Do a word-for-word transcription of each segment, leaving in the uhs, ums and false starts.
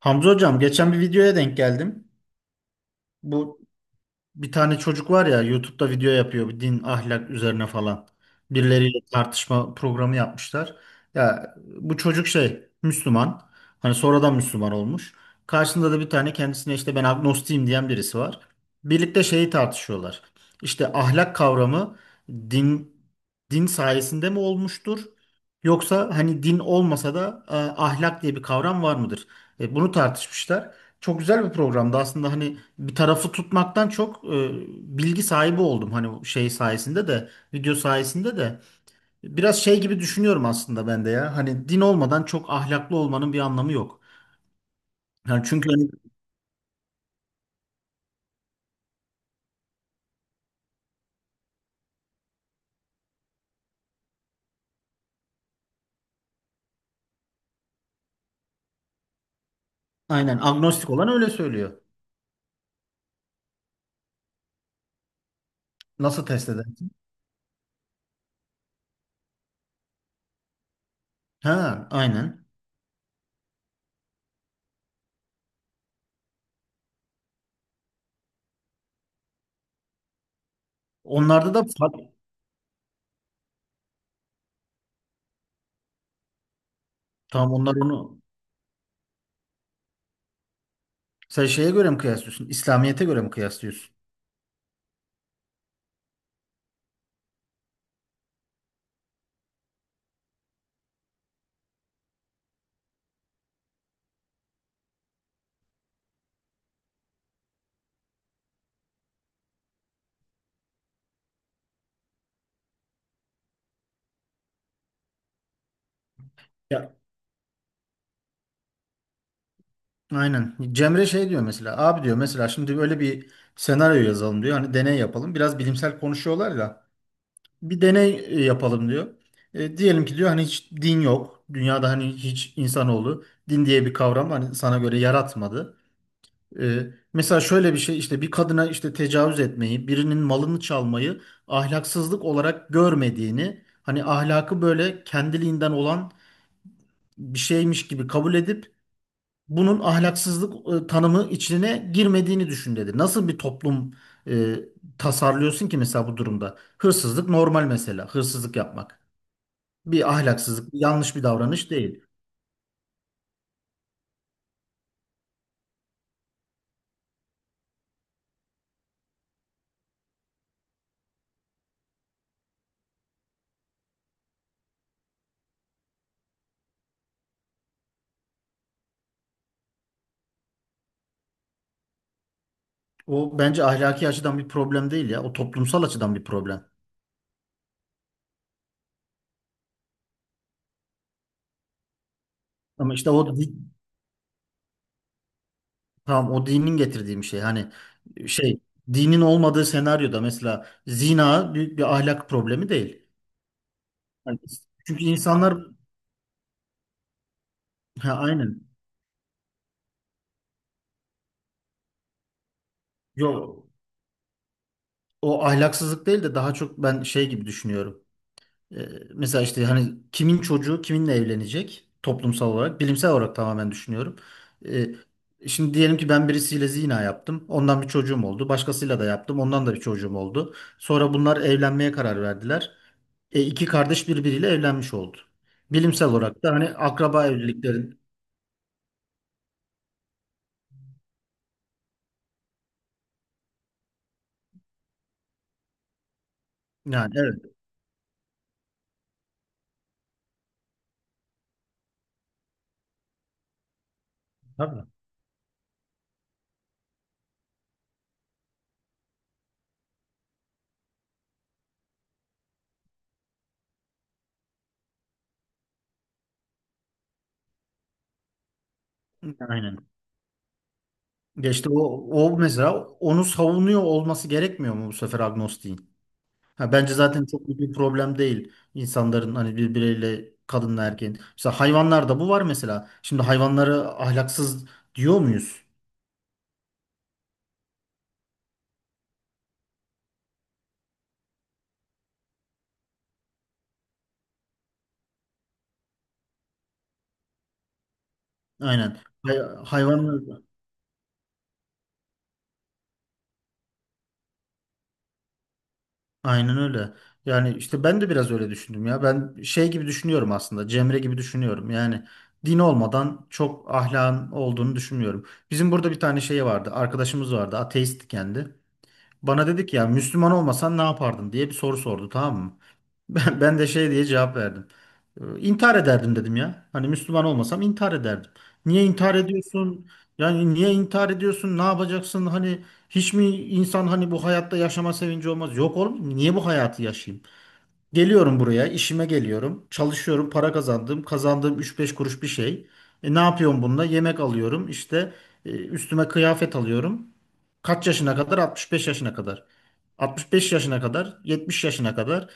Hamza hocam geçen bir videoya denk geldim. Bu bir tane çocuk var ya YouTube'da video yapıyor bir din ahlak üzerine falan. Birileriyle tartışma programı yapmışlar. Ya bu çocuk şey Müslüman. Hani sonradan Müslüman olmuş. Karşısında da bir tane kendisine işte ben agnostiyim diyen birisi var. Birlikte şeyi tartışıyorlar. İşte ahlak kavramı din din sayesinde mi olmuştur? Yoksa hani din olmasa da e, ahlak diye bir kavram var mıdır? E, bunu tartışmışlar. Çok güzel bir programdı aslında hani bir tarafı tutmaktan çok e, bilgi sahibi oldum hani şey sayesinde de video sayesinde de biraz şey gibi düşünüyorum aslında ben de ya hani din olmadan çok ahlaklı olmanın bir anlamı yok. Yani çünkü hani aynen agnostik olan öyle söylüyor. Nasıl test edersin? Ha, aynen. Onlarda da fa- tamam onlar onu sen şeye göre mi kıyaslıyorsun? İslamiyet'e göre mi kıyaslıyorsun? Ya, aynen. Cemre şey diyor mesela abi diyor mesela şimdi böyle bir senaryo yazalım diyor. Hani deney yapalım. Biraz bilimsel konuşuyorlar ya. Bir deney e, yapalım diyor. E, diyelim ki diyor hani hiç din yok. Dünyada hani hiç insanoğlu din diye bir kavram hani sana göre yaratmadı. E, Mesela şöyle bir şey işte bir kadına işte tecavüz etmeyi, birinin malını çalmayı ahlaksızlık olarak görmediğini, hani ahlakı böyle kendiliğinden olan bir şeymiş gibi kabul edip bunun ahlaksızlık e, tanımı içine girmediğini düşün dedi. Nasıl bir toplum e, tasarlıyorsun ki mesela bu durumda? Hırsızlık normal mesela, hırsızlık yapmak bir ahlaksızlık, bir yanlış bir davranış değil. O bence ahlaki açıdan bir problem değil ya. O toplumsal açıdan bir problem. Ama işte o di- tamam o dinin getirdiği bir şey. Hani şey dinin olmadığı senaryoda mesela zina büyük bir ahlak problemi değil. Hani çünkü insanlar ha, aynen. Yo, o ahlaksızlık değil de daha çok ben şey gibi düşünüyorum. E, Mesela işte hani kimin çocuğu kiminle evlenecek toplumsal olarak, bilimsel olarak tamamen düşünüyorum. E, Şimdi diyelim ki ben birisiyle zina yaptım. Ondan bir çocuğum oldu. Başkasıyla da yaptım. Ondan da bir çocuğum oldu. Sonra bunlar evlenmeye karar verdiler. E, iki kardeş birbiriyle evlenmiş oldu. Bilimsel olarak da hani akraba evliliklerin yani evet. Tabii. Aynen. Geçti o, o mesela onu savunuyor olması gerekmiyor mu bu sefer agnostiğin? Ha, bence zaten çok büyük bir problem değil insanların hani birbiriyle kadınla erkeğin. Mesela hayvanlarda bu var mesela. Şimdi hayvanları ahlaksız diyor muyuz? Aynen. Hay hayvanlar aynen öyle. Yani işte ben de biraz öyle düşündüm ya. Ben şey gibi düşünüyorum aslında. Cemre gibi düşünüyorum. Yani din olmadan çok ahlakın olduğunu düşünmüyorum. Bizim burada bir tane şey vardı. Arkadaşımız vardı, ateist kendi. Bana dedi ki ya Müslüman olmasan ne yapardın diye bir soru sordu, tamam mı? Ben, ben de şey diye cevap verdim. Ee, İntihar ederdim dedim ya. Hani Müslüman olmasam intihar ederdim. Niye intihar ediyorsun? Yani niye intihar ediyorsun? Ne yapacaksın? Hani hiç mi insan hani bu hayatta yaşama sevinci olmaz? Yok oğlum niye bu hayatı yaşayayım? Geliyorum buraya, işime geliyorum. Çalışıyorum, para kazandım. Kazandığım üç beş kuruş bir şey. E, ne yapıyorum bununla? Yemek alıyorum. İşte e, üstüme kıyafet alıyorum. Kaç yaşına kadar? altmış beş yaşına kadar. altmış beş yaşına kadar, yetmiş yaşına kadar.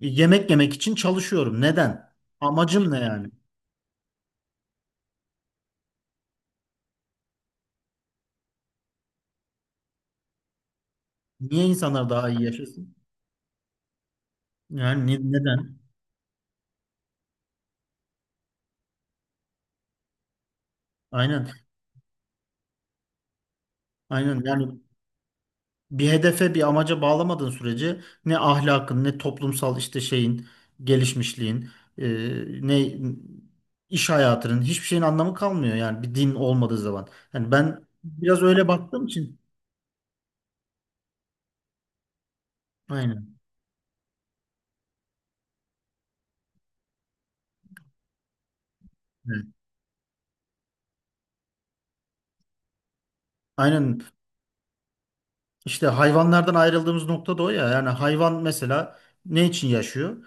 Yemek yemek için çalışıyorum. Neden? Amacım ne yani? Niye insanlar daha iyi yaşasın? Yani ne- neden? Aynen. Aynen. Yani bir hedefe, bir amaca bağlamadığın sürece ne ahlakın, ne toplumsal işte şeyin, gelişmişliğin, e, ne iş hayatının hiçbir şeyin anlamı kalmıyor yani bir din olmadığı zaman. Yani ben biraz öyle baktığım için. Aynen. Evet. Aynen. İşte hayvanlardan ayrıldığımız nokta da o ya. Yani hayvan mesela ne için yaşıyor?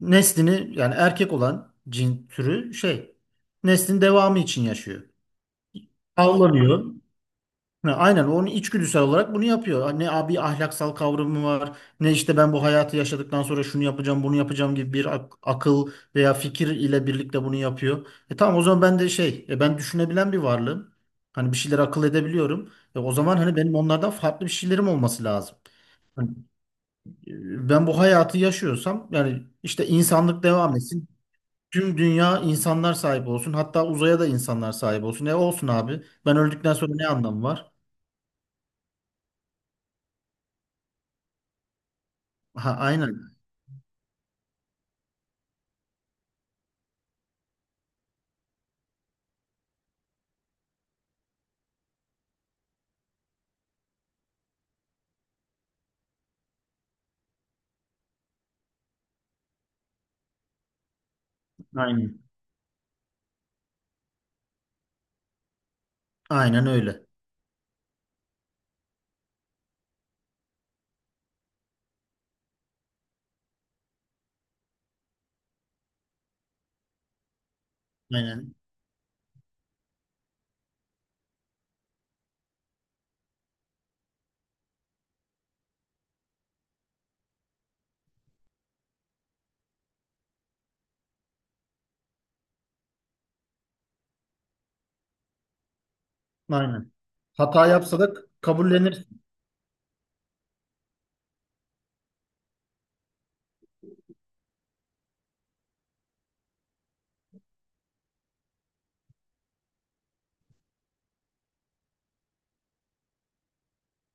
Neslini yani erkek olan cin türü şey neslin devamı için yaşıyor. Avlanıyor. Ha, aynen onun içgüdüsel olarak bunu yapıyor. Ne abi ahlaksal kavramı var, ne işte ben bu hayatı yaşadıktan sonra şunu yapacağım, bunu yapacağım gibi bir ak- akıl veya fikir ile birlikte bunu yapıyor. E tamam o zaman ben de şey, e, ben düşünebilen bir varlığım. Hani bir şeyler akıl edebiliyorum. E, o zaman hani benim onlardan farklı bir şeylerim olması lazım. Hani, e, ben bu hayatı yaşıyorsam yani işte insanlık devam etsin. Tüm dünya insanlar sahip olsun. Hatta uzaya da insanlar sahip olsun. E olsun abi. Ben öldükten sonra ne anlamı var? Ha, aynen. Aynen. Aynen öyle. Aynen. Aynen. Hata yapsa da kabullenir.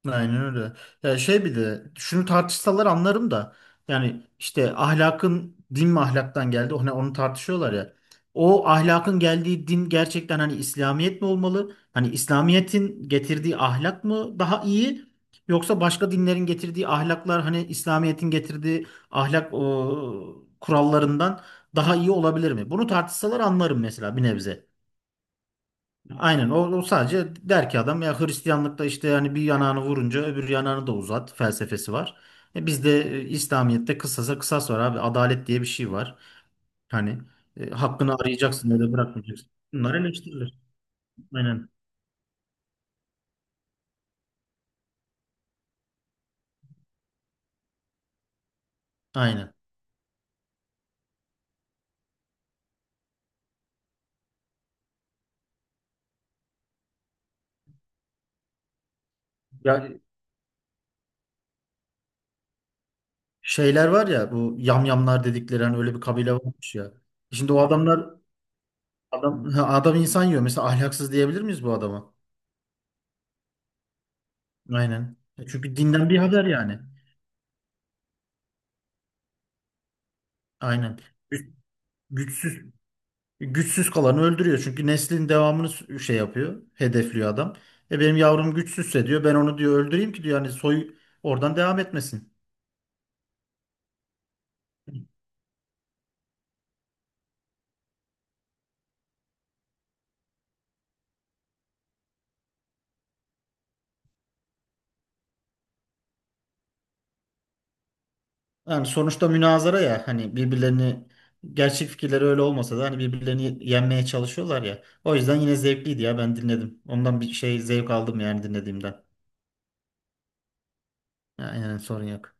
Aynen öyle. Ya şey bir de şunu tartışsalar anlarım da yani işte ahlakın din mi ahlaktan geldi hani onu tartışıyorlar ya. O ahlakın geldiği din gerçekten hani İslamiyet mi olmalı? Hani İslamiyet'in getirdiği ahlak mı daha iyi? Yoksa başka dinlerin getirdiği ahlaklar hani İslamiyet'in getirdiği ahlak o, kurallarından daha iyi olabilir mi? Bunu tartışsalar anlarım mesela bir nebze. Aynen o, o sadece der ki adam ya Hristiyanlıkta işte hani bir yanağını vurunca öbür yanağını da uzat felsefesi var. E bizde e, İslamiyet'te kısasa kısas var abi, adalet diye bir şey var. Hani e, hakkını arayacaksın, öyle bırakmayacaksın. Bunlar eleştirilir. Aynen. Aynen. Ya şeyler var ya bu yamyamlar dedikleri hani öyle bir kabile varmış ya. Şimdi o adamlar adam ha, adam insan yiyor. Mesela ahlaksız diyebilir miyiz bu adama? Aynen. E, Çünkü dinden bir haber yani. Aynen. Güç- Güçsüz Güçsüz kalanı öldürüyor. Çünkü neslin devamını s- şey yapıyor. Hedefliyor adam. E benim yavrum güçsüzse diyor ben onu diyor öldüreyim ki diyor hani soy oradan devam etmesin. Yani sonuçta münazara ya hani birbirlerini gerçek fikirleri öyle olmasa da hani birbirlerini yenmeye çalışıyorlar ya. O yüzden yine zevkliydi ya ben dinledim. Ondan bir şey zevk aldım yani dinlediğimden. Yani sorun yok.